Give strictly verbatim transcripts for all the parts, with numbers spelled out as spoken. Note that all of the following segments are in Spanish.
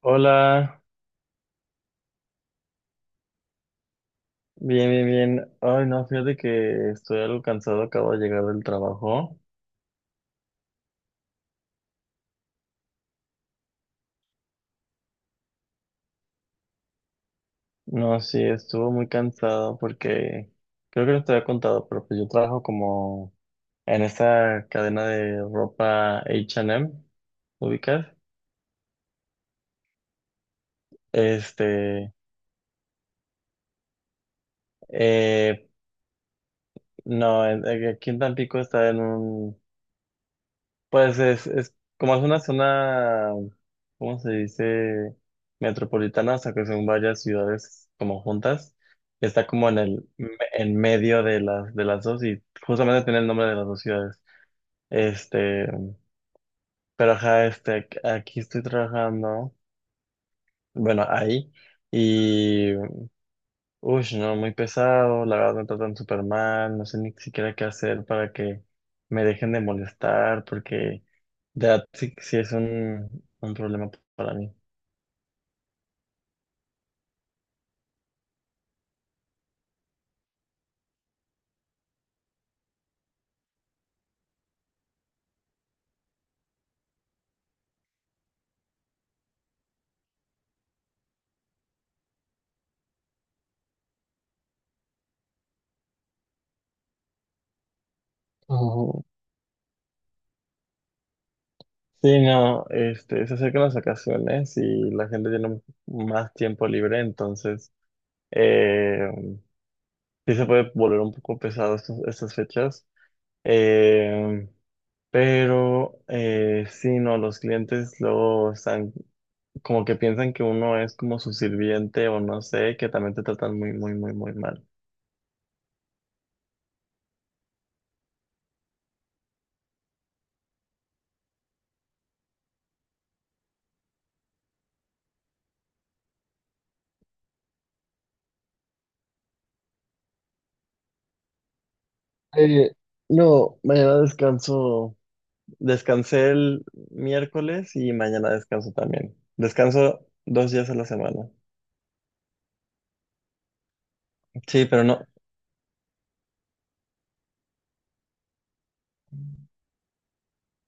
Hola, bien, bien, bien. Ay, no, fíjate que estoy algo cansado, acabo de llegar del trabajo. No, sí, estuvo muy cansado porque creo que no te había contado, pero pues yo trabajo como en esta cadena de ropa H and M, ¿ubicas? Este, eh, no, en- eh, aquí en Tampico está en un. Pues es, es como es una zona, ¿cómo se dice? Metropolitana, o sea que son varias ciudades como juntas. Está como en el me- en medio de las de las dos y justamente tiene el nombre de las dos ciudades. Este, pero ajá, este, ac- aquí estoy trabajando, bueno, ahí. Y uy, no, muy pesado, la verdad me tratan súper mal, no sé ni siquiera qué hacer para que me dejen de molestar porque That sí, sí es un, un problema para mí. Ujú. Sí, no, este, se acercan las vacaciones y la gente tiene más tiempo libre, entonces eh, sí se puede volver un poco pesado estos- estas fechas. Eh, pero eh, sí, no, los clientes luego están como que piensan que uno es como su sirviente o no sé, que también te tratan muy, muy, muy, muy mal. Eh, no, mañana descanso. Descansé el miércoles y mañana descanso también. Descanso dos días a la semana. Sí, pero no,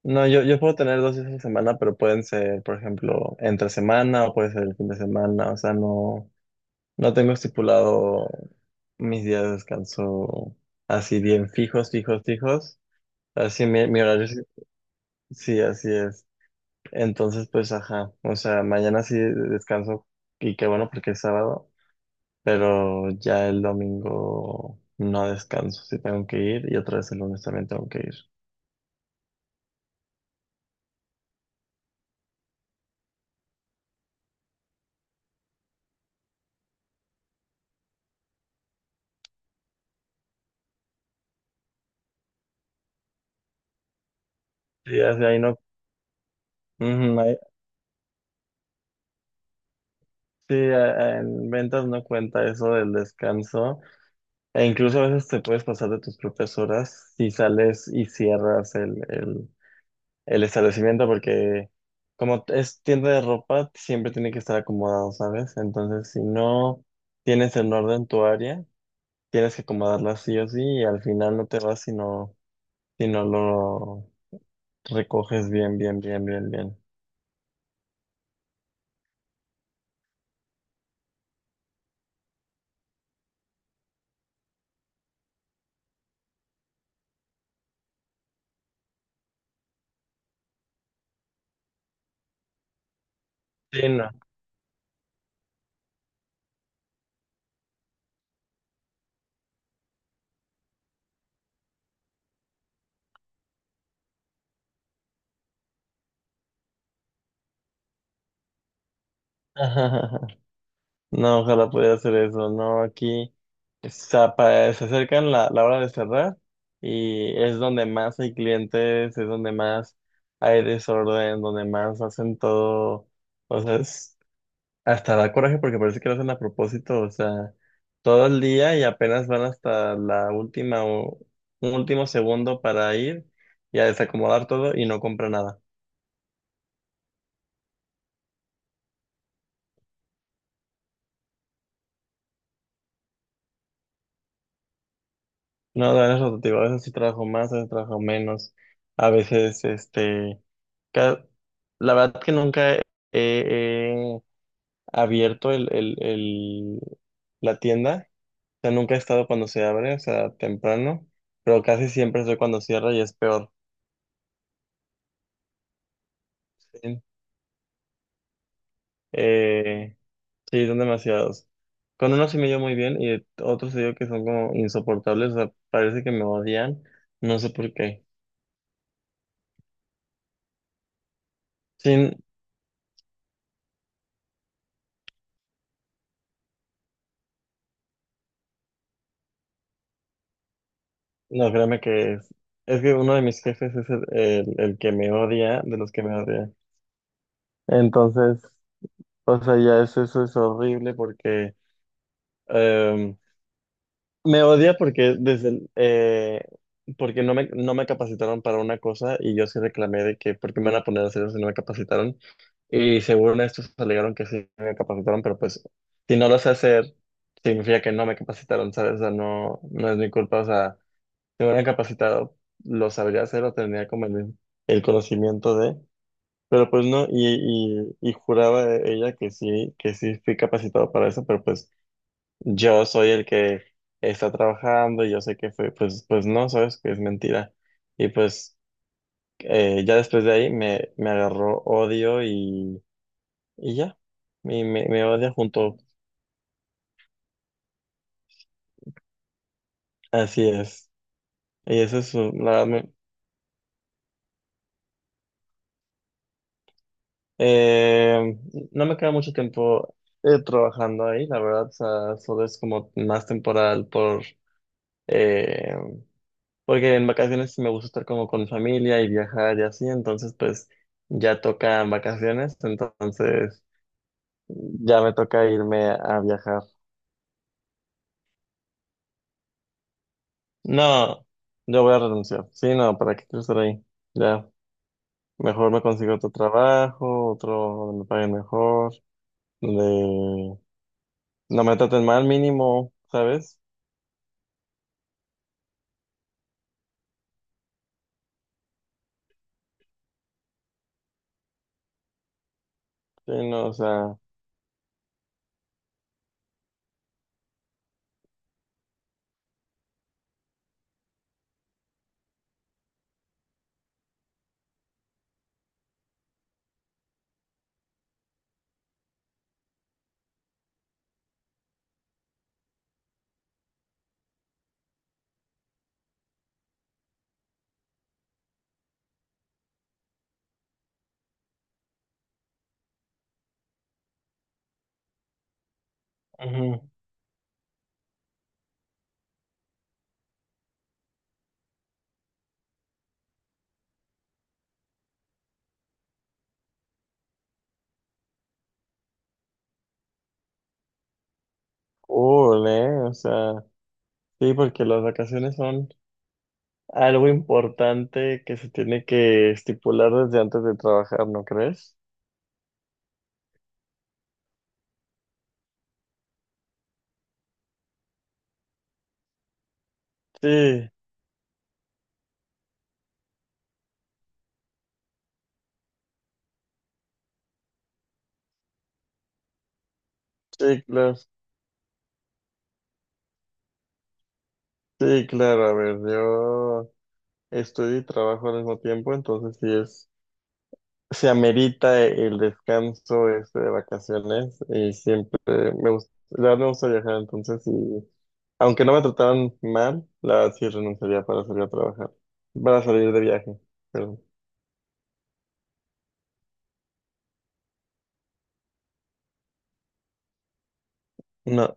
no, yo, yo puedo tener dos días a la semana, pero pueden ser, por ejemplo, entre semana o puede ser el fin de semana. O sea, no, no tengo estipulado mis días de descanso así bien fijos, fijos, fijos. Así mi, mi horario, sí, sí, así es. Entonces, pues, ajá. O sea, mañana sí descanso y qué bueno porque es sábado. Pero ya el domingo no descanso, sí tengo que ir y otra vez el lunes también tengo que ir. Sí, así ahí no, ujú, ahí- sí, eh, en ventas no cuenta eso del descanso e incluso a veces te puedes pasar de tus propias horas si sales y cierras el, el, el establecimiento porque como es tienda de ropa siempre tiene que estar acomodado, ¿sabes? Entonces si no tienes en orden tu área, tienes que acomodarla sí o sí y al final no te vas si no si no lo recoges bien, bien, bien, bien, bien. Sí, no. No, ojalá pudiera hacer eso. No, aquí está pa- se acercan la, la hora de cerrar y es donde más hay clientes, es donde más hay desorden, donde más hacen todo. O sea, es- hasta da coraje porque parece que lo hacen a propósito. O sea, todo el día y apenas van hasta la última o un último segundo para ir y a desacomodar todo y no compra nada. No, de eso te digo, a veces sí trabajo más, a veces trabajo menos, a veces, este, ca- la verdad que nunca he, he abierto el, el, el- la tienda, o sea, nunca he estado cuando se abre, o sea, temprano, pero casi siempre soy cuando cierra y es peor. Sí, Eh, sí, son demasiados. Con unos sí me llevo muy bien y otros te digo que son como insoportables, o sea, parece que me odian, no sé por qué. Sí, no, créeme que es, es que uno de mis jefes es el, el, el que me odia, de los que me odia. Entonces, o sea, ya eso, eso es horrible porque em, me odia porque desde el, eh, porque no me, no me capacitaron para una cosa y yo sí reclamé de que por qué me van a poner a hacer eso si no me capacitaron. Y según estos alegaron que sí me capacitaron, pero pues si no lo sé hacer, significa que no me capacitaron, ¿sabes? O sea, no, no es mi culpa, o sea. Si me hubieran capacitado, lo sabría hacer o tendría como el, el conocimiento de, pero pues no, y, y, y juraba ella que sí, que sí fui capacitado para eso, pero pues yo soy el que está trabajando y yo sé que fue, pues, pues no, sabes que es mentira. Y pues eh, ya después de ahí me, me agarró odio y, y ya, y me, me odia junto, así es. Y eso es, uh, la verdad. Eh, no me queda mucho tiempo eh, trabajando ahí, la verdad, o sea, solo es como más temporal por, eh, porque en vacaciones me gusta estar como con mi familia y viajar y así, entonces pues ya tocan vacaciones, entonces ya me toca irme a viajar. No, yo voy a renunciar, sí, no, ¿para qué quiero estar ahí? Ya, mejor me consigo otro trabajo, otro donde me paguen mejor, donde no me traten mal mínimo, ¿sabes? Sí, no, o sea, ujú, cool, ¿eh? O sea, sí, porque las vacaciones son algo importante que se tiene que estipular desde antes de trabajar, ¿no crees? Sí, sí, claro, sí, claro, a ver, yo estudio y trabajo al mismo tiempo, entonces sí es, se amerita el descanso este de vacaciones y siempre me gusta, me gusta viajar, entonces sí. Aunque no me trataran mal, la verdad sí renunciaría para salir a trabajar, para salir de viaje. Pero no,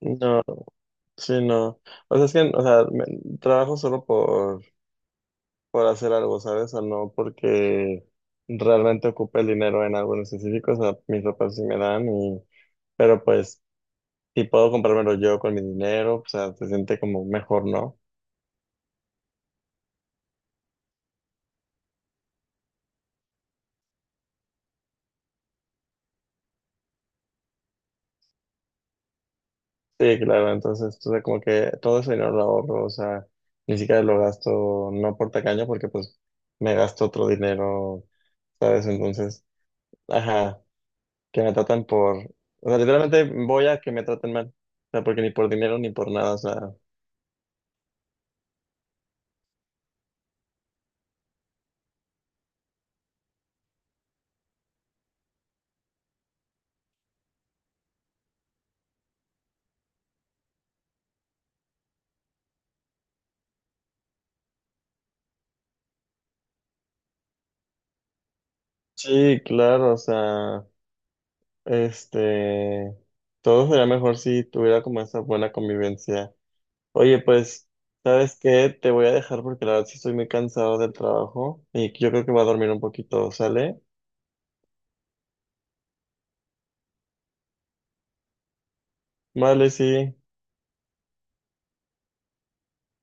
no, sí, no. O sea, es que, o sea, me- trabajo solo por, por hacer algo, ¿sabes? O no porque realmente ocupe el dinero en algo en específico. O sea, mis papás sí me dan, y, pero pues, si puedo comprármelo yo con mi dinero, o sea, se siente como mejor, ¿no? Sí, claro, entonces, o sea, como que todo ese dinero lo ahorro, o sea, ni siquiera lo gasto, no por tacaño, porque pues me gasto otro dinero, ¿sabes? Entonces, ajá, que me tratan por, o sea, literalmente voy a que me traten mal, o sea, porque ni por dinero ni por nada, o sea, sí, claro, o sea, este, todo sería mejor si tuviera como esa buena convivencia. Oye, pues, ¿sabes qué? Te voy a dejar porque la verdad sí estoy muy cansado del trabajo y yo creo que voy a dormir un poquito, ¿sale? Vale, sí.